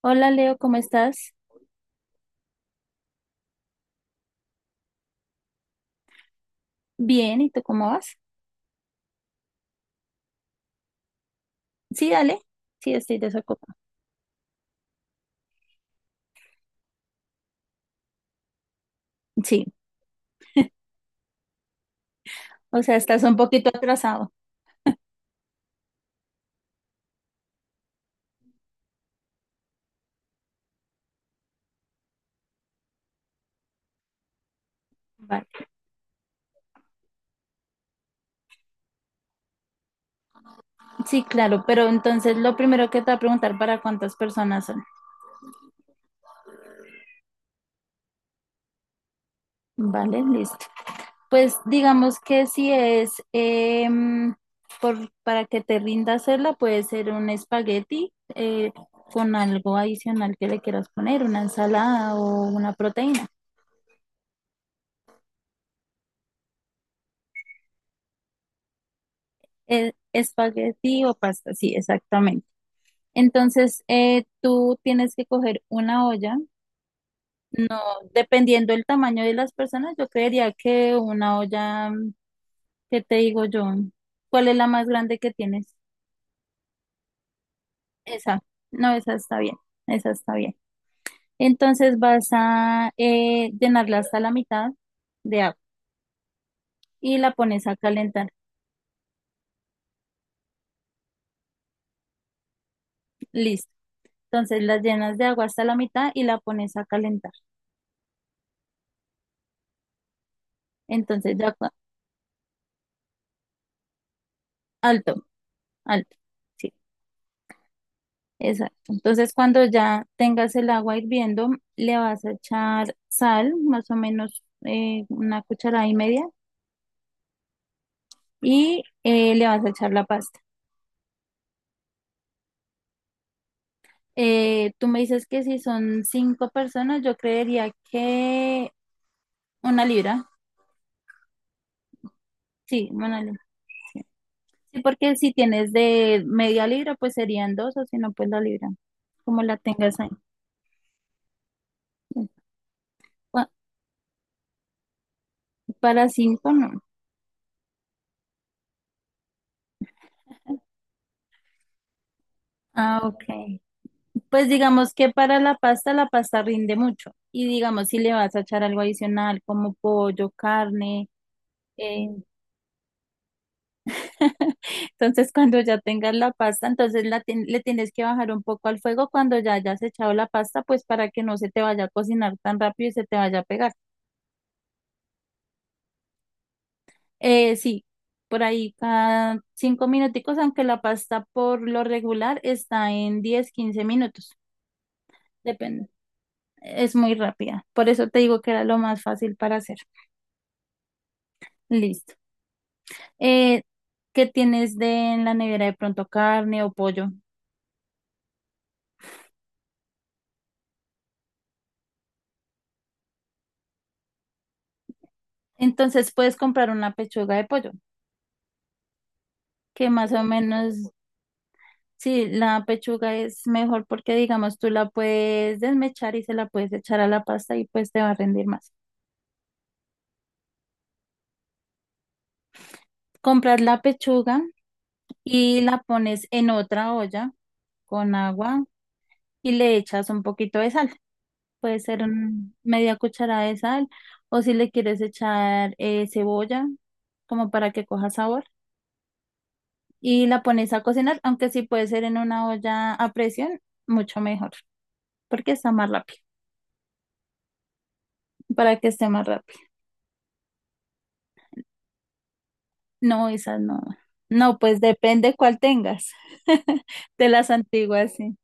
Hola Leo, ¿cómo estás? Bien, ¿y tú cómo vas? Sí, dale. Sí, estoy desocupada. Sí, o sea, estás un poquito atrasado. Vale. Sí, claro, pero entonces lo primero que te voy a preguntar para cuántas personas son. Vale, listo. Pues digamos que si es por, para que te rinda hacerla, puede ser un espagueti con algo adicional que le quieras poner, una ensalada o una proteína. Espagueti o pasta, sí, exactamente. Entonces, tú tienes que coger una olla. No, dependiendo del tamaño de las personas, yo creería que una olla, ¿qué te digo yo? ¿Cuál es la más grande que tienes? Esa. No, esa está bien. Esa está bien. Entonces vas a llenarla hasta la mitad de agua y la pones a calentar. Listo. Entonces la llenas de agua hasta la mitad y la pones a calentar. Entonces ya, alto, alto. Sí. Exacto. Entonces, cuando ya tengas el agua hirviendo, le vas a echar sal, más o menos una cucharada y media, y le vas a echar la pasta. Tú me dices que si son 5 personas, yo creería que una libra. Sí, una libra. Sí, porque si tienes de media libra, pues serían dos, o si no, pues la libra, como la tengas ahí. Pa- Para cinco, no. Ah, ok. Pues digamos que para la pasta rinde mucho. Y digamos, si le vas a echar algo adicional como pollo, carne, eh, entonces cuando ya tengas la pasta, entonces la le tienes que bajar un poco al fuego cuando ya hayas echado la pasta, pues para que no se te vaya a cocinar tan rápido y se te vaya a pegar. Sí, por ahí cada 5 minuticos, aunque la pasta por lo regular está en 10 15 minutos, depende. Es muy rápida. Por eso te digo que era lo más fácil para hacer. Listo. eh, que tienes de en la nevera de pronto carne o pollo. Entonces puedes comprar una pechuga de pollo, que más o menos, sí, la pechuga es mejor porque digamos tú la puedes desmechar y se la puedes echar a la pasta y pues te va a rendir más. Compras la pechuga y la pones en otra olla con agua y le echas un poquito de sal. Puede ser media cucharada de sal o si le quieres echar cebolla como para que coja sabor y la pones a cocinar, aunque sí puede ser en una olla a presión, mucho mejor, porque está más rápido, para que esté más rápido. No, esas no. No, pues depende cuál tengas. De las antiguas, sí.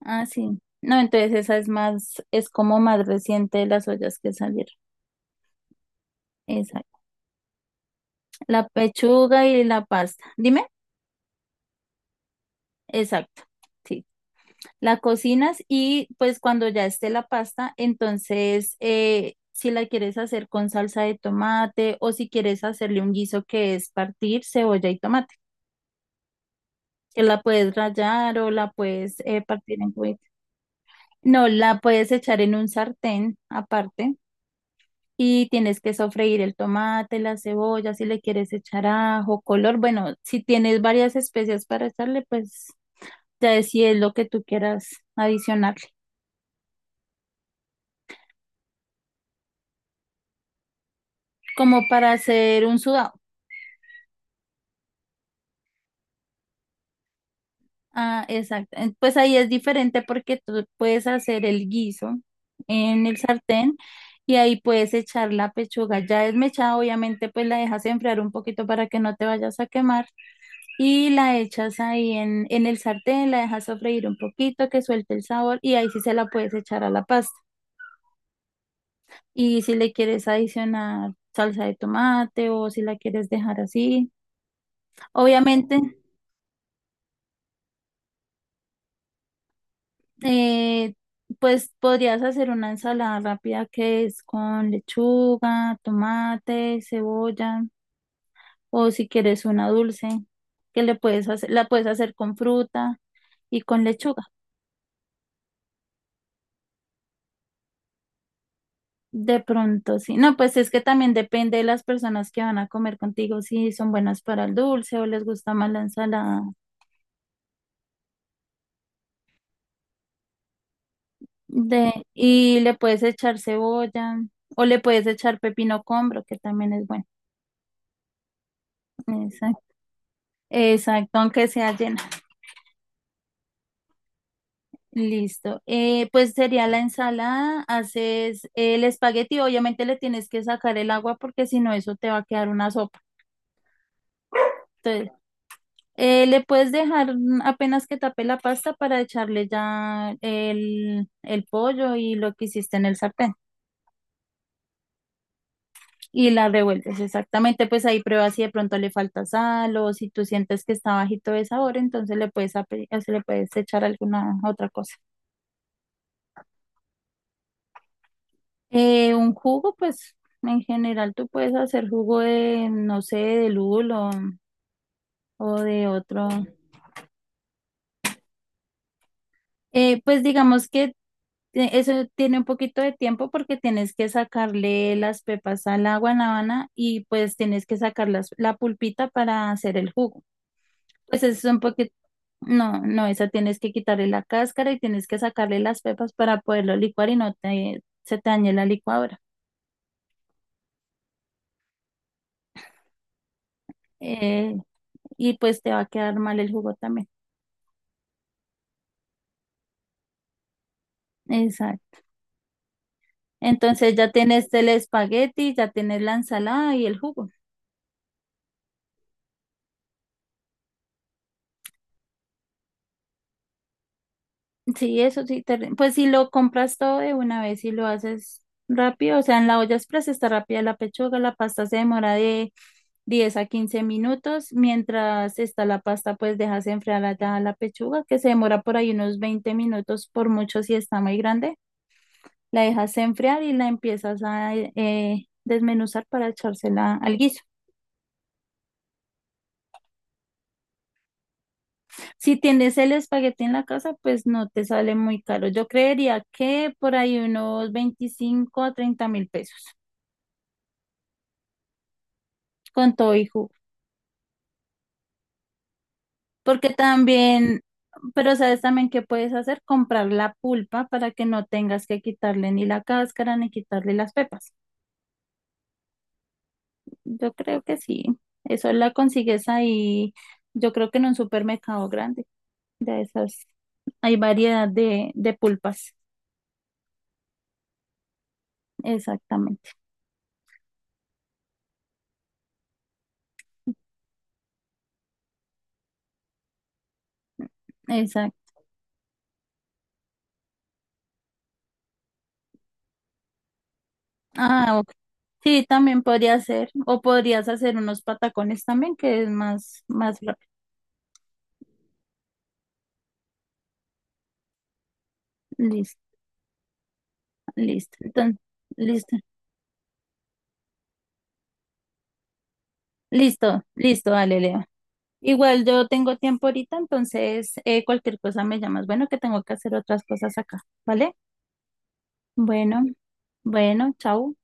Ah, sí. No, entonces esa es más, es como más reciente de las ollas que salieron. Exacto. La pechuga y la pasta. Dime. Exacto. Sí. La cocinas y pues cuando ya esté la pasta, entonces si la quieres hacer con salsa de tomate o si quieres hacerle un guiso que es partir cebolla y tomate, que la puedes rallar o la puedes partir en cubitos. No, la puedes echar en un sartén aparte y tienes que sofreír el tomate, la cebolla, si le quieres echar ajo, color. Bueno, si tienes varias especias para echarle, pues ya es si es lo que tú quieras adicionarle. Como para hacer un sudado. Ah, exacto. Pues ahí es diferente porque tú puedes hacer el guiso en el sartén y ahí puedes echar la pechuga ya desmechada, obviamente pues la dejas enfriar un poquito para que no te vayas a quemar y la echas ahí en el sartén, la dejas sofreír un poquito que suelte el sabor y ahí sí se la puedes echar a la pasta. Y si le quieres adicionar salsa de tomate o si la quieres dejar así, obviamente. eh, pues podrías hacer una ensalada rápida que es con lechuga, tomate, cebolla, o si quieres una dulce, que le puedes hacer, la puedes hacer con fruta y con lechuga. De pronto, sí. No, pues es que también depende de las personas que van a comer contigo, si son buenas para el dulce o les gusta más la ensalada. De, y le puedes echar cebolla o le puedes echar pepino combro, que también es bueno. Exacto, exacto, aunque sea llena. Listo. Pues sería la ensalada, haces el espagueti, obviamente le tienes que sacar el agua porque si no eso te va a quedar una sopa. Entonces, le puedes dejar apenas que tape la pasta para echarle ya el pollo y lo que hiciste en el sartén y la revuelves exactamente, pues ahí pruebas si de pronto le falta sal o si tú sientes que está bajito de sabor, entonces le puedes, o se le puedes echar alguna otra cosa. Un jugo, pues en general tú puedes hacer jugo de, no sé, de lulo o de otro. Pues digamos que eso tiene un poquito de tiempo porque tienes que sacarle las pepas a la guanábana y pues tienes que sacar la pulpita para hacer el jugo. Pues eso es un poquito, no, esa tienes que quitarle la cáscara y tienes que sacarle las pepas para poderlo licuar y no te, se te dañe la licuadora. Eh, y pues te va a quedar mal el jugo también. Exacto. Entonces ya tienes el espagueti, ya tienes la ensalada y el jugo. Sí, eso sí, pues si lo compras todo de una vez y lo haces rápido, o sea, en la olla express está rápida la pechuga, la pasta se demora de 10 a 15 minutos, mientras está la pasta, pues dejas enfriar allá la pechuga, que se demora por ahí unos 20 minutos, por mucho si está muy grande, la dejas enfriar y la empiezas a desmenuzar para echársela al guiso. Si tienes el espagueti en la casa, pues no te sale muy caro. Yo creería que por ahí unos 25.000 a 30.000 pesos con todo y jugo. Porque también, pero sabes también qué puedes hacer, comprar la pulpa para que no tengas que quitarle ni la cáscara ni quitarle las pepas. Yo creo que sí. Eso la consigues ahí, yo creo que en un supermercado grande de esas. Hay variedad de pulpas. Exactamente. Exacto. Ah, sí, también podría ser. O podrías hacer unos patacones también, que es más, más rápido. Listo, listo. Entonces, listo, listo, listo, dale, Leo. Igual yo tengo tiempo ahorita, entonces cualquier cosa me llamas. Bueno, que tengo que hacer otras cosas acá, ¿vale? Bueno, bueno, chao.